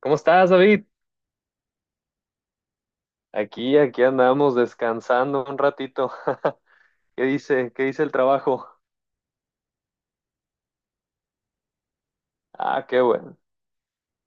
¿Cómo estás, David? Aquí andamos descansando un ratito. ¿Qué dice? ¿Qué dice el trabajo? Ah, qué bueno.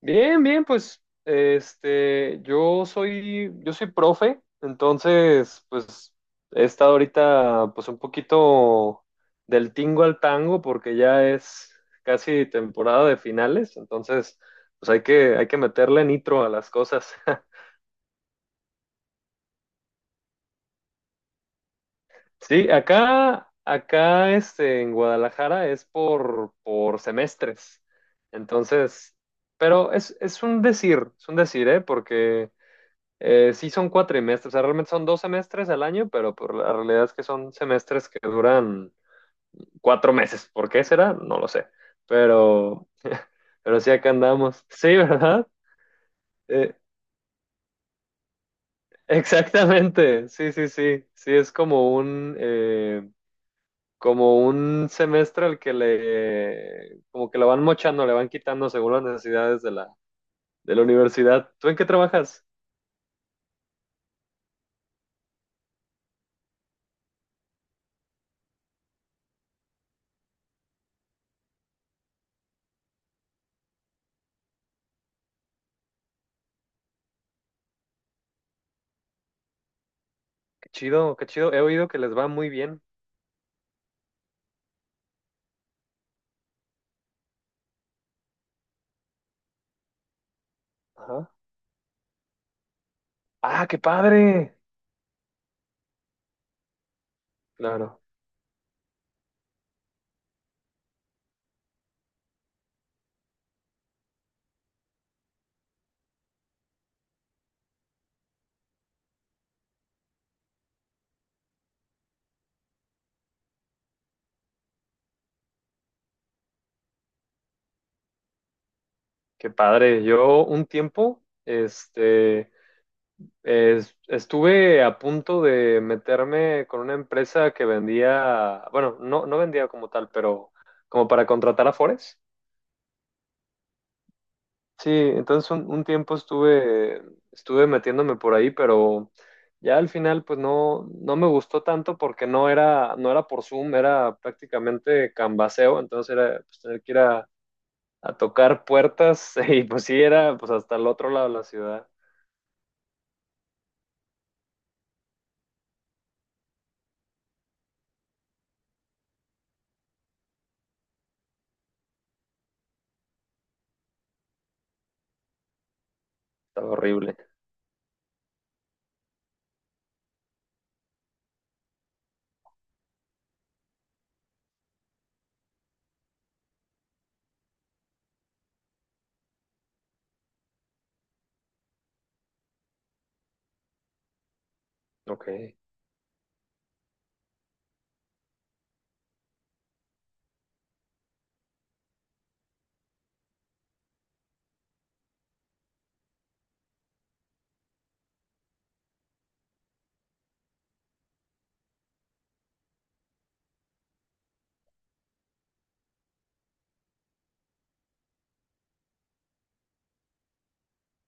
Bien, bien, pues, yo soy profe, entonces, pues, he estado ahorita, pues, un poquito del tingo al tango, porque ya es casi temporada de finales, entonces, pues, hay que meterle nitro a las cosas. Sí, acá en Guadalajara es por semestres. Entonces, pero es un decir, ¿eh? Porque sí son cuatrimestres, o sea, realmente son dos semestres al año, pero por la realidad es que son semestres que duran cuatro meses. ¿Por qué será? No lo sé. Pero, pero sí acá andamos. Sí, ¿verdad? Eh, exactamente. Sí, sí, sí. Sí, es como como un semestre al que como que lo van mochando, le van quitando según las necesidades de de la universidad. ¿Tú en qué trabajas? Qué chido, qué chido. He oído que les va muy bien. Ajá. Ah, qué padre. Claro, qué padre. Yo un tiempo, estuve a punto de meterme con una empresa que vendía, bueno, no vendía como tal, pero como para contratar a Afores. Sí, entonces un tiempo estuve, estuve metiéndome por ahí, pero ya al final pues no me gustó tanto porque no era por Zoom, era prácticamente canvaseo, entonces era pues, tener que ir a tocar puertas y pues sí era pues hasta el otro lado de la ciudad, estaba horrible. Ok.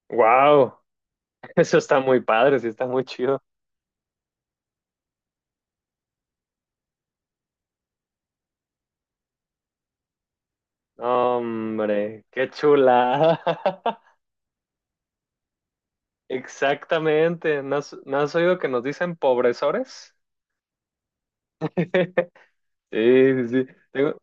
Wow, eso está muy padre, sí está muy chido. Hombre, qué chulada. Exactamente, ¿no has oído que nos dicen pobresores? Sí, sí, sí. Tengo-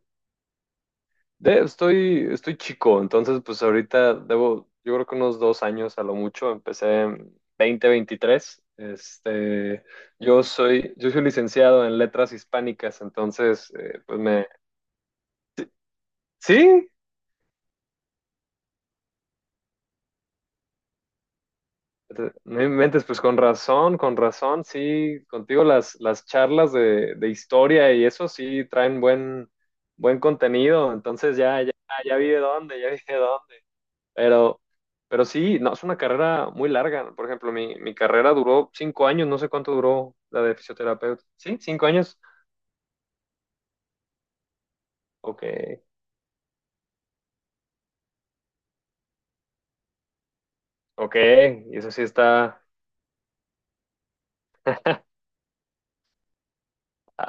estoy, estoy chico, entonces pues ahorita debo, yo creo que unos dos años a lo mucho, empecé en 2023. Yo soy licenciado en letras hispánicas, entonces pues me, sí, no inventes, pues con razón, sí, contigo las charlas de historia y eso sí traen buen, buen contenido, entonces ya, ya, ya vi de dónde, ya vi de dónde. Pero, pero sí, no, es una carrera muy larga. Por ejemplo, mi carrera duró cinco años, no sé cuánto duró la de fisioterapeuta. ¿Sí? ¿Cinco años? Ok, ok, y eso sí está...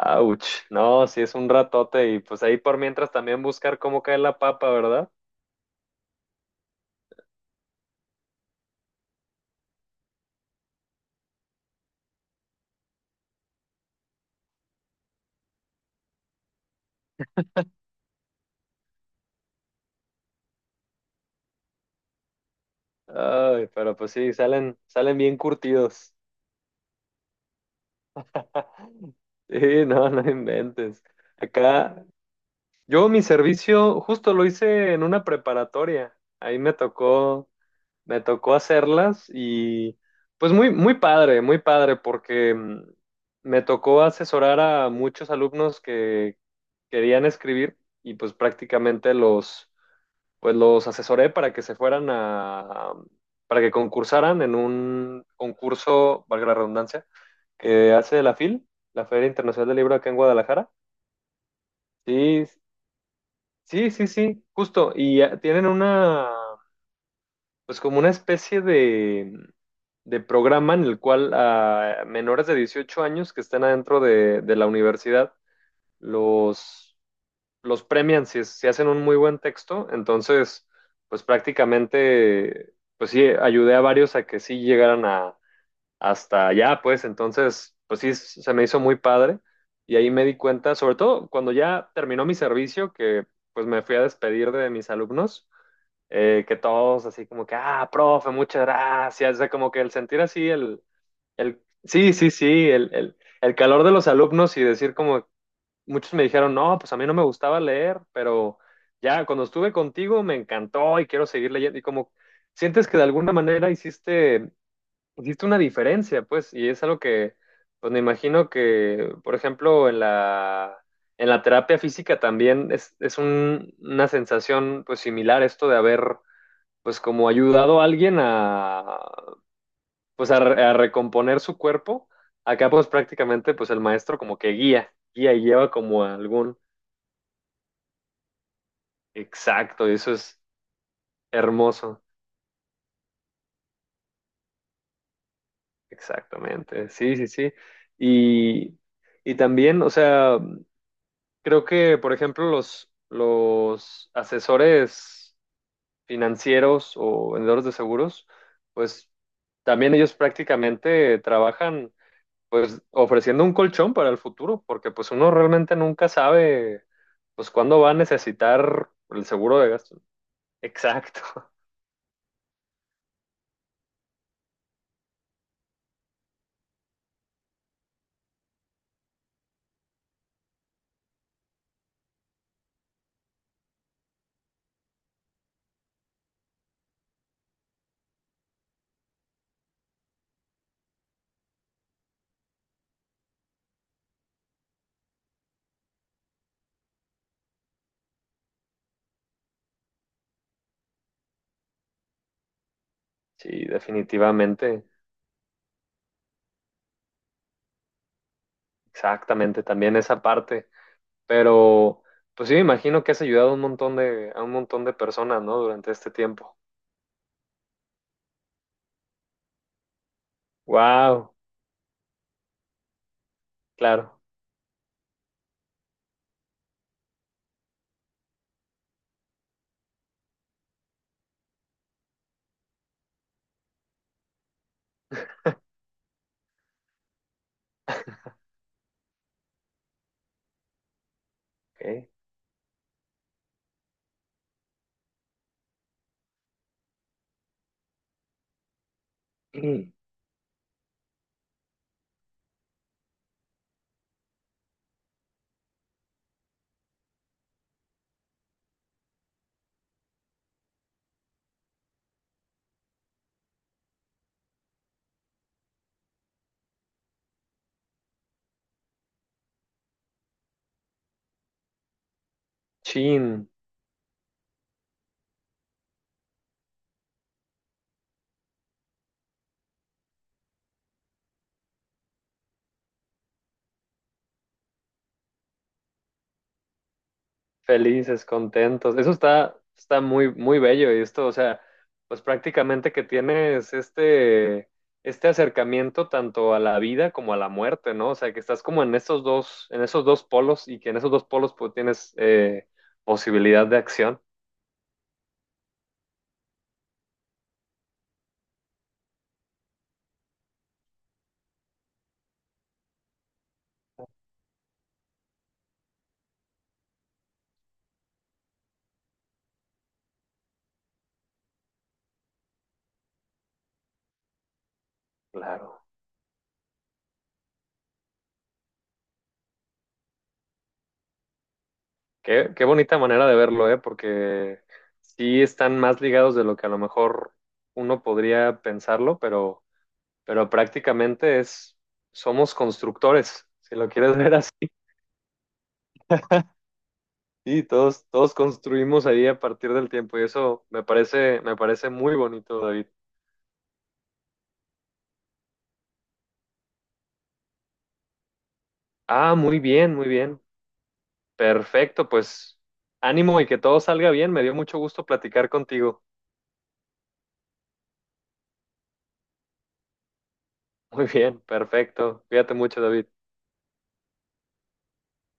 Ouch, no, sí es un ratote y pues ahí por mientras también buscar cómo cae la papa, ¿verdad? Ay, pero pues sí, salen, salen bien curtidos. Sí, no, no inventes. Acá, yo mi servicio justo lo hice en una preparatoria. Ahí me tocó hacerlas y pues muy, muy padre, porque me tocó asesorar a muchos alumnos que querían escribir y pues prácticamente pues los asesoré para que se fueran para que concursaran en un concurso, valga la redundancia, que hace la FIL, la Feria Internacional del Libro acá en Guadalajara. Sí, sí, sí, sí, justo. Y tienen una, pues como una especie de programa en el cual a menores de 18 años que estén adentro de la universidad los, los premian si, si hacen un muy buen texto. Entonces, pues prácticamente, pues sí, ayudé a varios a que sí llegaran a, hasta allá, pues entonces, pues sí, se me hizo muy padre. Y ahí me di cuenta, sobre todo cuando ya terminó mi servicio, que pues me fui a despedir de mis alumnos, que todos así como que, ah, profe, muchas gracias. O sea, como que el sentir así sí, sí, sí, el calor de los alumnos y decir como muchos me dijeron, no, pues a mí no me gustaba leer, pero ya cuando estuve contigo me encantó y quiero seguir leyendo y como sientes que de alguna manera hiciste, hiciste una diferencia, pues, y es algo que, pues me imagino que, por ejemplo, en en la terapia física también una sensación pues similar esto de haber pues como ayudado a alguien pues a, a recomponer su cuerpo. Acá pues prácticamente pues el maestro como que guía, guía y lleva como a algún exacto, y eso es hermoso, exactamente, sí, sí, sí. Y, y también, o sea, creo que por ejemplo los asesores financieros o vendedores de seguros, pues también ellos prácticamente trabajan pues ofreciendo un colchón para el futuro, porque pues uno realmente nunca sabe pues cuándo va a necesitar el seguro de gasto. Exacto, sí, definitivamente, exactamente, también esa parte, pero pues sí, me imagino que has ayudado a un montón de, a un montón de personas, ¿no? Durante este tiempo. Wow, claro. Ok. Mm, chin, felices, contentos. Eso está, está muy, muy bello. Y esto, o sea, pues prácticamente que tienes este acercamiento tanto a la vida como a la muerte, ¿no? O sea, que estás como en esos dos polos y que en esos dos polos pues tienes posibilidad de acción. Claro. Qué, qué bonita manera de verlo, ¿eh? Porque sí están más ligados de lo que a lo mejor uno podría pensarlo, pero prácticamente es, somos constructores, si lo quieres ver así. Sí, todos, todos construimos ahí a partir del tiempo y eso me parece muy bonito, David. Ah, muy bien, muy bien. Perfecto, pues ánimo y que todo salga bien. Me dio mucho gusto platicar contigo. Muy bien, perfecto. Cuídate mucho, David.